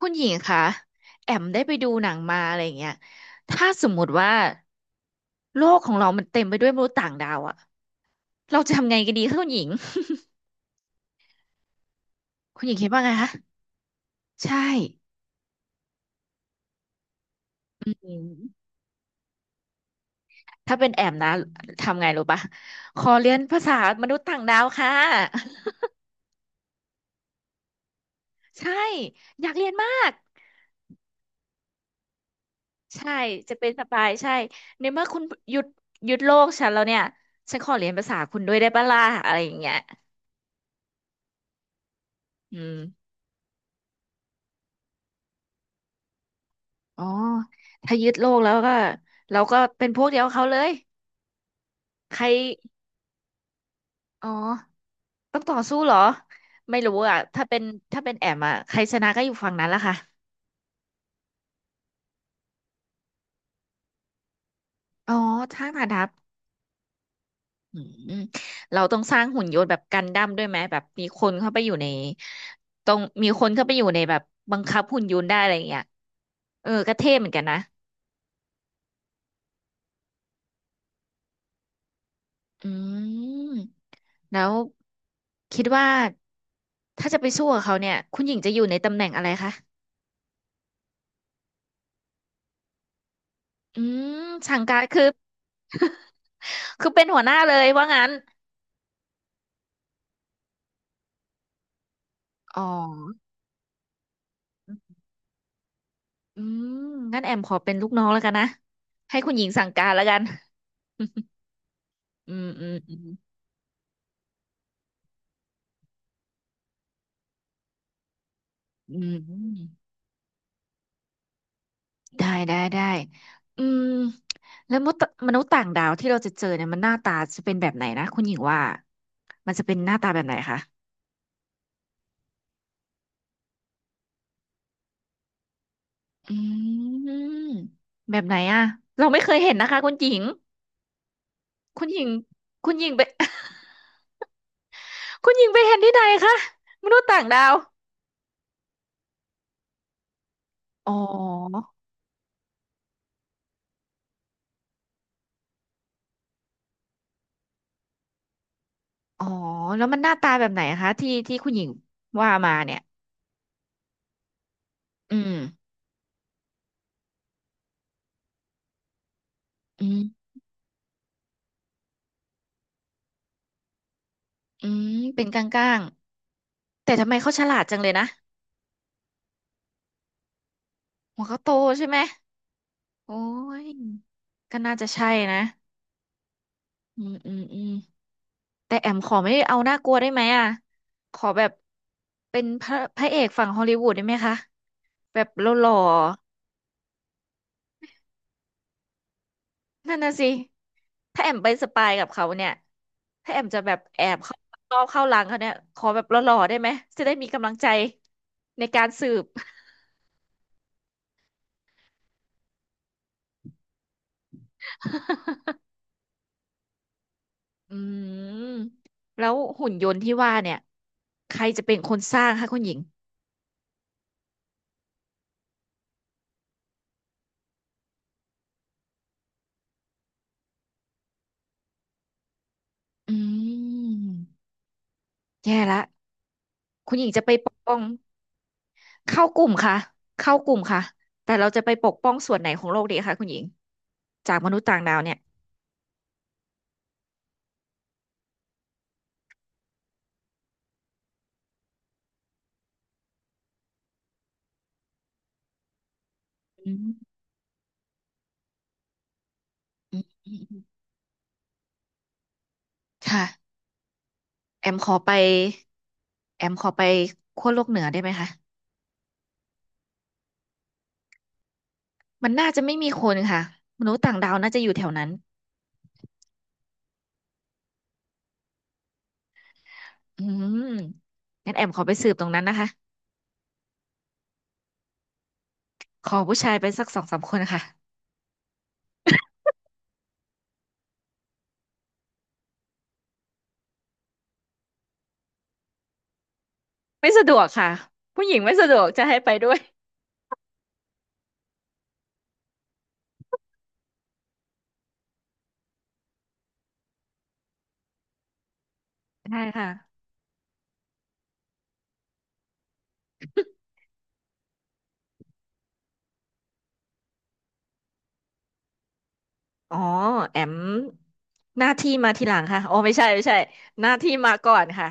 คุณหญิงคะแอมได้ไปดูหนังมาอะไรอย่างเงี้ยถ้าสมมุติว่าโลกของเรามันเต็มไปด้วยมนุษย์ต่างดาวอะเราจะทำไงกันดีคะคุณหญิง คุณหญิงคิดว่าไงคะใช่อืมถ้าเป็นแอมนะทำไงรู้ปะขอเรียนภาษามนุษย์ต่างดาวค่ะ ใช่อยากเรียนมากใช่จะเป็นสปายใช่ในเมื่อคุณหยุดหยุดโลกฉันแล้วเนี่ยฉันขอเรียนภาษาคุณด้วยได้ปะล่ะอะไรอย่างเงี้ยอืม อ๋อถ้ายึดโลกแล้วก็เราก็เป็นพวกเดียวกับเขาเลยใครอ๋อต้องต่อสู้เหรอไม่รู้อ่ะถ้าเป็นแอมอ่ะใครชนะก็อยู่ฝั่งนั้นละค่ะอ๋อทางผ่านทัพอืมเราต้องสร้างหุ่นยนต์แบบกันดั้มด้วยไหมแบบมีคนเข้าไปอยู่ในต้องมีคนเข้าไปอยู่ในแบบบังคับหุ่นยนต์ได้อะไรอย่างเงี้ยเออก็เท่เหมือนกันนะอืมแล้วคิดว่าถ้าจะไปสู้กับเขาเนี่ยคุณหญิงจะอยู่ในตำแหน่งอะไรคะ อืมสั่งการคือ คือเป็นหัวหน้าเลยว่างั้นอ๋ออืมงั้นแอมขอเป็นลูกน้องแล้วกันนะให้คุณหญิงสั่งการแล้วกัน อืมอืมอืมอืมอืมได้ได้ได้อืมแล้วมนุษย์ต่างดาวที่เราจะเจอเนี่ยมันหน้าตาจะเป็นแบบไหนนะคุณหญิงว่ามันจะเป็นหน้าตาแบบไหนคะอืมแบบไหนอะเราไม่เคยเห็นนะคะคุณหญิงคุณหญิงคุณหญิงไป คุณหญิงไปเห็นที่ไหนคะมนุษย์ต่างดาวอ๋ออ๋อแล้วมันหน้าตาแบบไหนคะที่คุณหญิงว่ามาเนี่ยอืมอืมอืมเป็นกลางๆแต่ทำไมเขาฉลาดจังเลยนะหัวเขาโตใช่ไหมโอ้ยก็น่าจะใช่นะอืมอืมอืมแต่แอมขอไม่เอาน่ากลัวได้ไหมอ่ะขอแบบเป็นพระเอกฝั่งฮอลลีวูดได้ไหมคะแบบหล่อๆ นั่นน่ะสิ ถ้าแอมไปสปายกับเขาเนี่ยถ้าแอมจะแบบแอบเข้าเข้าหลังเขาเนี่ยขอแบบหล่อๆได้ไหม จะได้มีกำลังใจในการสืบ อืมแล้วหุ่นยนต์ที่ว่าเนี่ยใครจะเป็นคนสร้างคะคุณหญิงอืม แย่ละ คุณหญิงจะไปปกป้องเข้ากลุ่มค่ะเข้ากลุ่มค่ะ แต่เราจะไปปกป้องส่วนไหนของโลกดีคะคุณหญิงจากมนุษย์ต่างดาวเนี่ยอืมอืมอืมค่ะ แอมขอไปแอมขอไปขั้วโลกเหนือได้ไหมคะมันน่าจะไม่มีคนค่ะมนุษย์ต่างดาวน่าจะอยู่แถวนั้นอืมงั้นแอมขอไปสืบตรงนั้นนะคะขอผู้ชายไปสักสองสามคนค่ะไม่สะดวกค่ะ ผู้หญิงไม่สะดวกจะให้ไปด้วยได้ค่ะอ๋อแอมหน้าที่มาทีหลังค่ะโอ้ไม่ใช่ไม่ใช่หน้าที่มาก่อนค่ะ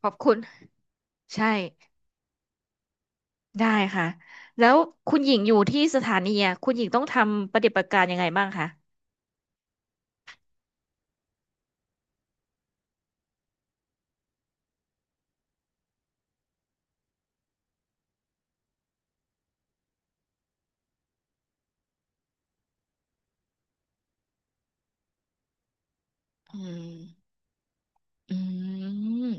ขอบคุณ ใช่ได้ค่ะ แล้วคุณหญิงอยู่ที่สถานีอะคุณหญิงต้องทำปฏิบัติการยังไงบ้างคะอืม อืม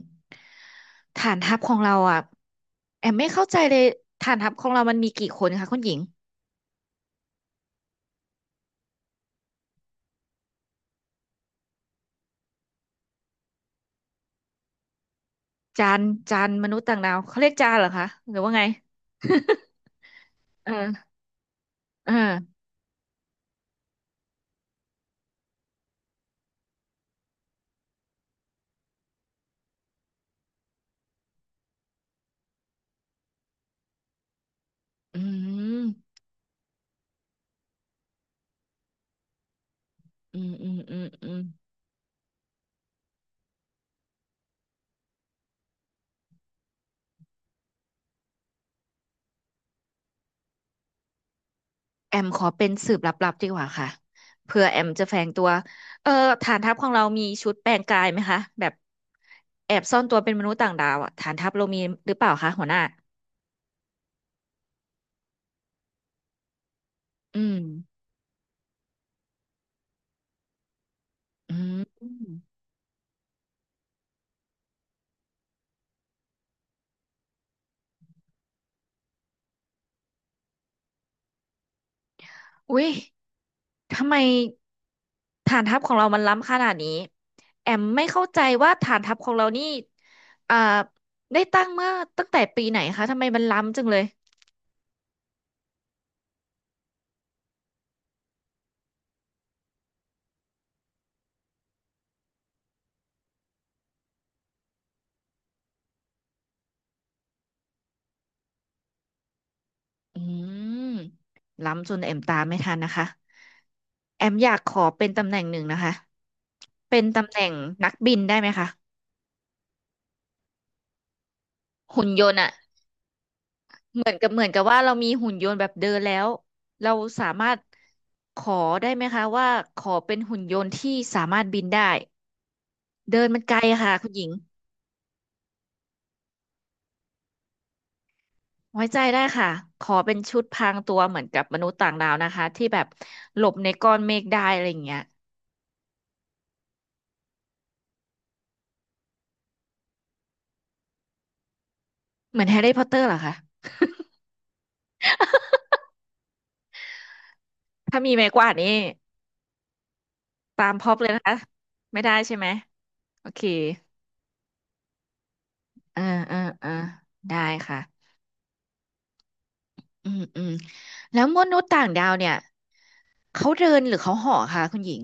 ฐานทัพของเราอ่ะแอมไม่เข้าใจเลยฐานทัพของเรามันมีกี่คนคะคุณหญิงจานจานมนุษย์ต่างดาวเขาเรียกจานเหรอคะหรือว่าไง เออเอออืมอืมอืมอืมอืมแอมขอเป็นสืบลับๆดีกว่าค่ะเผื่อแอมจะแฝงตัวเออฐานทัพของเรามีชุดแปลงกายไหมคะแบบแอบซ่อนตัวเป็นมนุษย์ต่างดาวอ่ะฐานทัพเรามีหรือเปล่าคะหัวหน้าอืมอืมอุ้ยทำไม ฐานทัพของเรามันล้ำขนาดนี้แอมไม่เข้าใจว่าฐานทัพของเรานี่อ่าได้ตั้งเมื่อตั้งแต่ปีไหนคะทำไมมันล้ำจังเลยอืมล้ำจนแอมตามไม่ทันนะคะแอมอยากขอเป็นตำแหน่งหนึ่งนะคะเป็นตำแหน่งนักบินได้ไหมคะหุ่นยนต์อะเหมือนกับว่าเรามีหุ่นยนต์แบบเดินแล้วเราสามารถขอได้ไหมคะว่าขอเป็นหุ่นยนต์ที่สามารถบินได้เดินมันไกลอะค่ะคุณหญิง ไว้ใจได้ค่ะขอเป็นชุดพรางตัวเหมือนกับมนุษย์ต่างดาวนะคะที่แบบหลบในก้อนเมฆได้อะไรอย่างเงี้ยเหมือนแฮร์รี่พอตเตอร์เหรอคะถ้ามีไม้กวาดนี่ตามพร็อพเลยนะคะไม่ได้ใช่ไหมโอเคเออเออเออได้ค่ะอืมอืมแล้วมนุษย์ต่างดาวเนี่ยเขาเดินหรือเขาเห่อคะคุณหญิง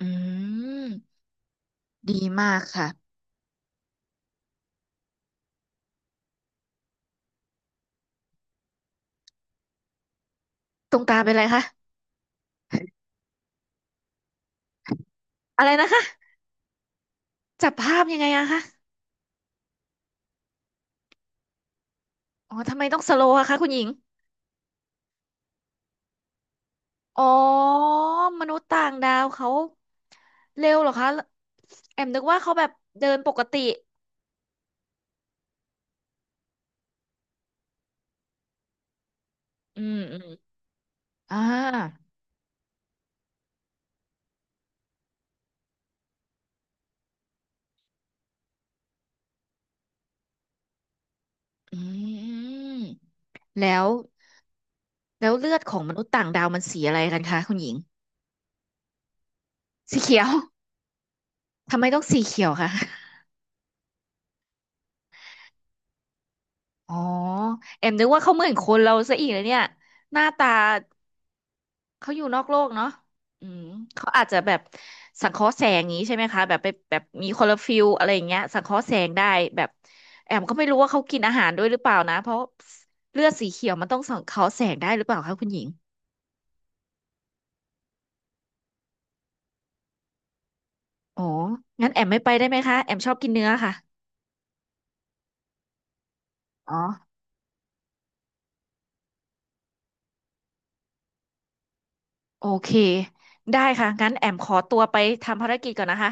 อืมดีมากค่ะตรงตาเป็นไรคะอะไรนะคะจับภาพยังไงอะคะอ๋อทำไมต้องสโลว์อะคะคุณหญิง อ๋อมนุษย์ต่างดาวเขาเร็วเหรอคะแอมนึกว่าเขาแบบเดินปกติอืมอืมอ่าอืมแล้วเลือดของมนุษย์ต่างดาวมันสีอะไรกันคะคุณหญิงสีเขียวทำไมต้องสีเขียวคะอ๋อแอมนึกว่าเขาเหมือนคนเราซะอีกเลยเนี่ยหน้าตา เขาอยู่นอกโลกเนาะอืมเขาอาจจะแบบสังเคราะห์แสงอย่างนี้ใช่ไหมคะแบบไปแบบมีคลอโรฟิลอะไรอย่างเงี้ยสังเคราะห์แสงได้แบบแอมก็ไม่รู้ว่าเขากินอาหารด้วยหรือเปล่านะเพราะเลือดสีเขียวมันต้องสังเคราะห์แสงได้หรือเปล่าคะคุณหญิงอ๋องั้นแอมไม่ไปได้ไหมคะแอมชอบกินเนื้อค่ะอ๋อโอเคได้ค่ะงั้นแอมขอตัวไปทำภารกิจก่อนนะคะ